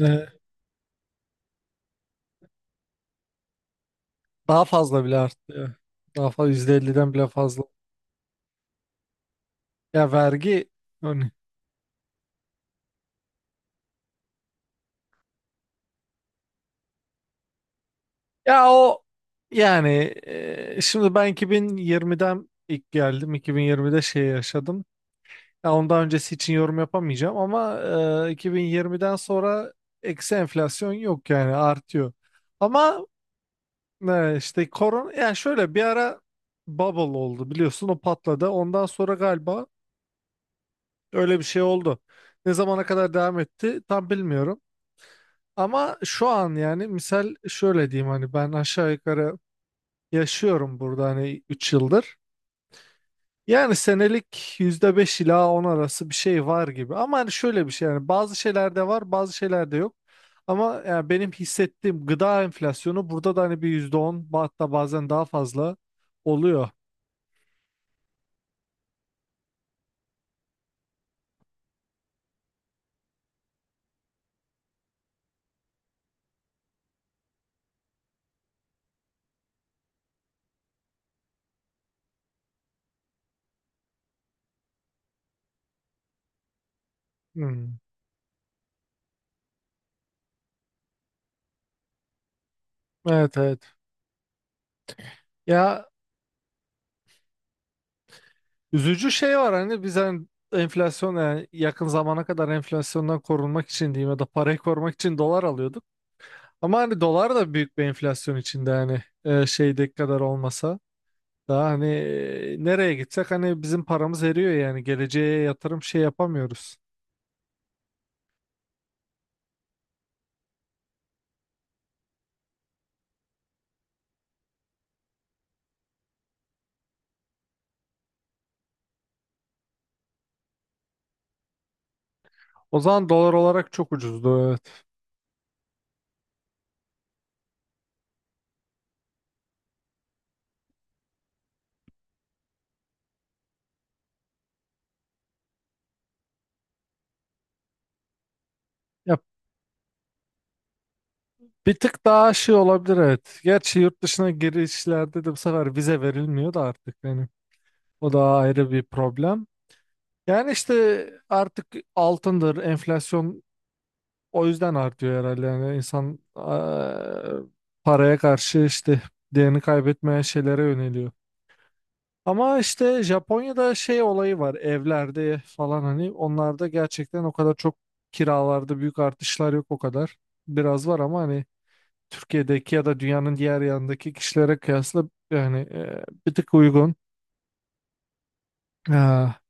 Ee, Daha fazla bile arttı ya. Daha fazla yüzde elli'den bile fazla. Ya vergi, hani, ya o, yani, şimdi ben 2020'den ilk geldim. 2020'de şey yaşadım. Ya ondan öncesi için yorum yapamayacağım ama 2020'den sonra eksi enflasyon yok, yani artıyor. Ama işte korona, yani şöyle bir ara bubble oldu, biliyorsun o patladı. Ondan sonra galiba öyle bir şey oldu. Ne zamana kadar devam etti tam bilmiyorum. Ama şu an yani misal şöyle diyeyim, hani ben aşağı yukarı yaşıyorum burada hani 3 yıldır. Yani senelik %5 ila 10 arası bir şey var gibi. Ama hani şöyle bir şey, yani bazı şeylerde var bazı şeylerde yok. Ama yani benim hissettiğim gıda enflasyonu burada da hani bir yüzde on, hatta bazen daha fazla oluyor. Hmm. Evet, evet. Ya üzücü şey var, hani biz hani enflasyon, yani yakın zamana kadar enflasyondan korunmak için diyeyim, ya da parayı korumak için dolar alıyorduk. Ama hani dolar da büyük bir enflasyon içinde, hani şeydeki kadar olmasa daha hani, nereye gitsek hani bizim paramız eriyor, yani geleceğe yatırım şey yapamıyoruz. O zaman dolar olarak çok ucuzdu, evet. Ya bir tık daha şey olabilir, evet. Gerçi yurt dışına girişlerde de bu sefer vize verilmiyor da artık, yani o da ayrı bir problem. Yani işte artık altındır, enflasyon, o yüzden artıyor herhalde. Yani insan, paraya karşı işte değerini kaybetmeyen şeylere yöneliyor. Ama işte Japonya'da şey olayı var evlerde falan, hani onlarda gerçekten o kadar çok kiralarda büyük artışlar yok o kadar. Biraz var ama hani Türkiye'deki ya da dünyanın diğer yanındaki kişilere kıyasla yani, bir tık uygun. Ha,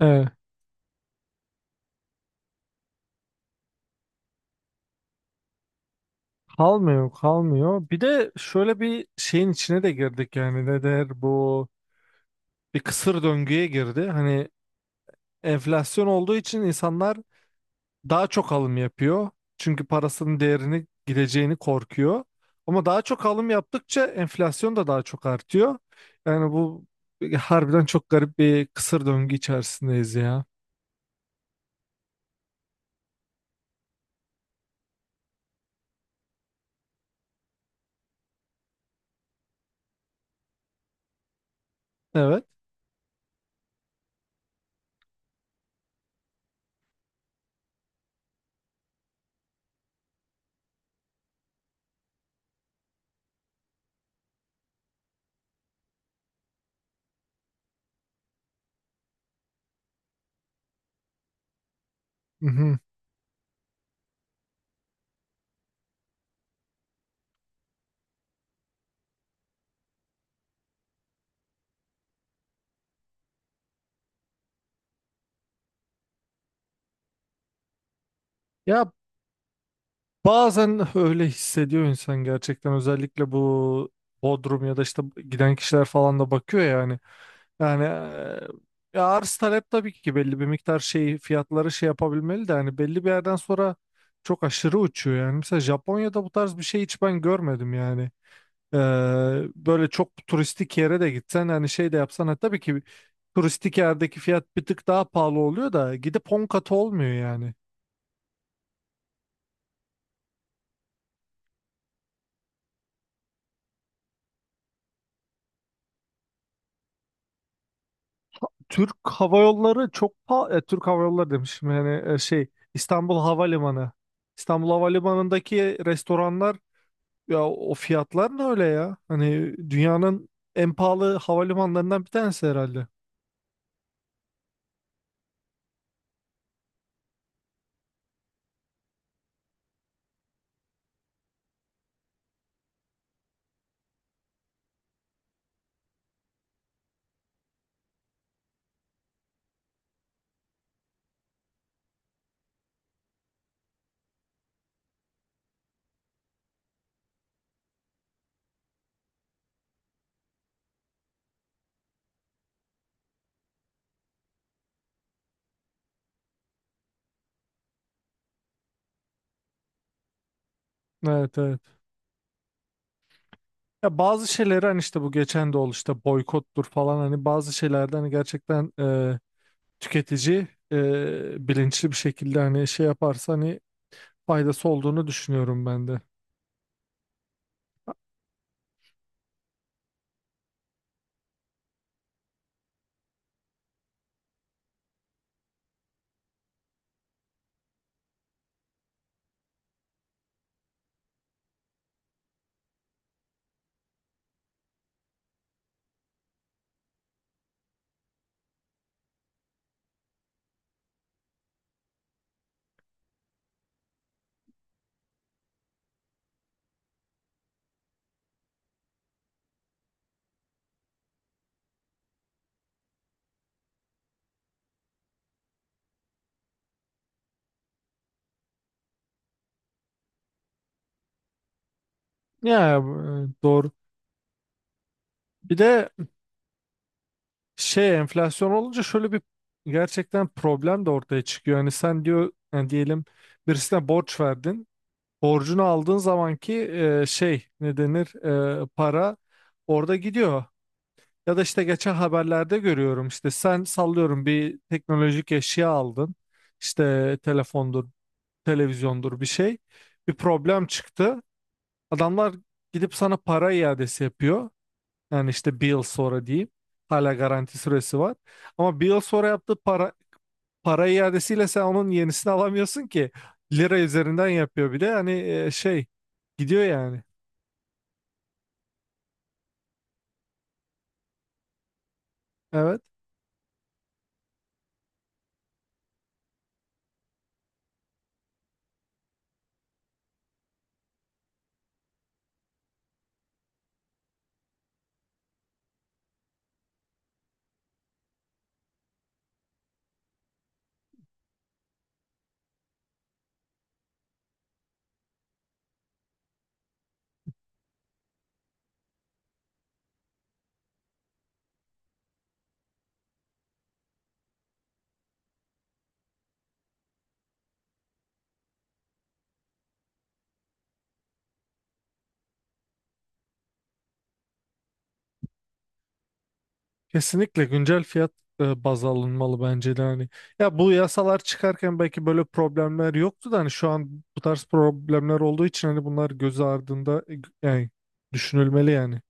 evet. Kalmıyor, kalmıyor. Bir de şöyle bir şeyin içine de girdik, yani ne der bu, bir kısır döngüye girdi. Hani enflasyon olduğu için insanlar daha çok alım yapıyor. Çünkü parasının değerini gideceğini korkuyor. Ama daha çok alım yaptıkça enflasyon da daha çok artıyor. Yani bu harbiden çok garip bir kısır döngü içerisindeyiz ya. Evet. Mhm. Ya bazen öyle hissediyor insan gerçekten, özellikle bu Bodrum ya da işte giden kişiler falan da bakıyor yani. Yani, ya arz talep tabii ki belli bir miktar şey fiyatları şey yapabilmeli de, hani belli bir yerden sonra çok aşırı uçuyor yani. Mesela Japonya'da bu tarz bir şey hiç ben görmedim yani. Eee, böyle çok turistik yere de gitsen hani şey de yapsan, ha, tabii ki turistik yerdeki fiyat bir tık daha pahalı oluyor da gidip 10 katı olmuyor yani. Türk Hava Yolları çok pa- Türk Hava Yolları demişim yani, şey İstanbul Havalimanı. İstanbul Havalimanı'ndaki restoranlar, ya o fiyatlar ne öyle ya? Hani dünyanın en pahalı havalimanlarından bir tanesi herhalde. Evet, evet. Ya bazı şeyleri hani işte, bu geçen de oldu işte, boykottur falan, hani bazı şeylerden hani gerçekten, tüketici bilinçli bir şekilde hani şey yaparsa hani faydası olduğunu düşünüyorum ben de. Ya, doğru. Bir de şey, enflasyon olunca şöyle bir gerçekten problem de ortaya çıkıyor. Hani sen diyor, yani diyelim birisine borç verdin. Borcunu aldığın zamanki, şey ne denir, para orada gidiyor. Ya da işte geçen haberlerde görüyorum, işte sen sallıyorum bir teknolojik eşya aldın. İşte telefondur, televizyondur bir şey. Bir problem çıktı. Adamlar gidip sana para iadesi yapıyor. Yani işte bir yıl sonra diyeyim. Hala garanti süresi var. Ama bir yıl sonra yaptığı para iadesiyle sen onun yenisini alamıyorsun ki. Lira üzerinden yapıyor bir de. Hani, şey gidiyor yani. Evet. Kesinlikle güncel fiyat baz alınmalı bence de hani. Ya bu yasalar çıkarken belki böyle problemler yoktu da, hani şu an bu tarz problemler olduğu için hani bunlar göz ardında, yani düşünülmeli yani.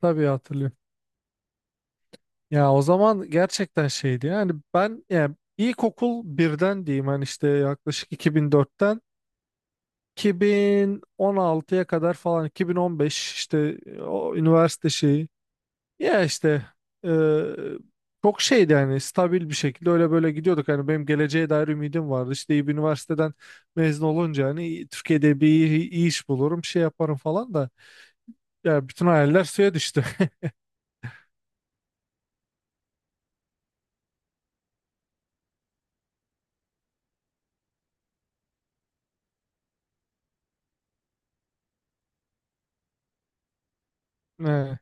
Tabii hatırlıyorum. Ya o zaman gerçekten şeydi yani, ben yani ilkokul birden diyeyim hani işte yaklaşık 2004'ten 2016'ya kadar falan, 2015 işte, o üniversite şeyi, ya işte, e, çok şeydi yani, stabil bir şekilde öyle böyle gidiyorduk, hani benim geleceğe dair ümidim vardı, işte iyi bir üniversiteden mezun olunca hani Türkiye'de bir iyi, iyi iş bulurum şey yaparım falan da, ya bütün hayaller suya düştü. He.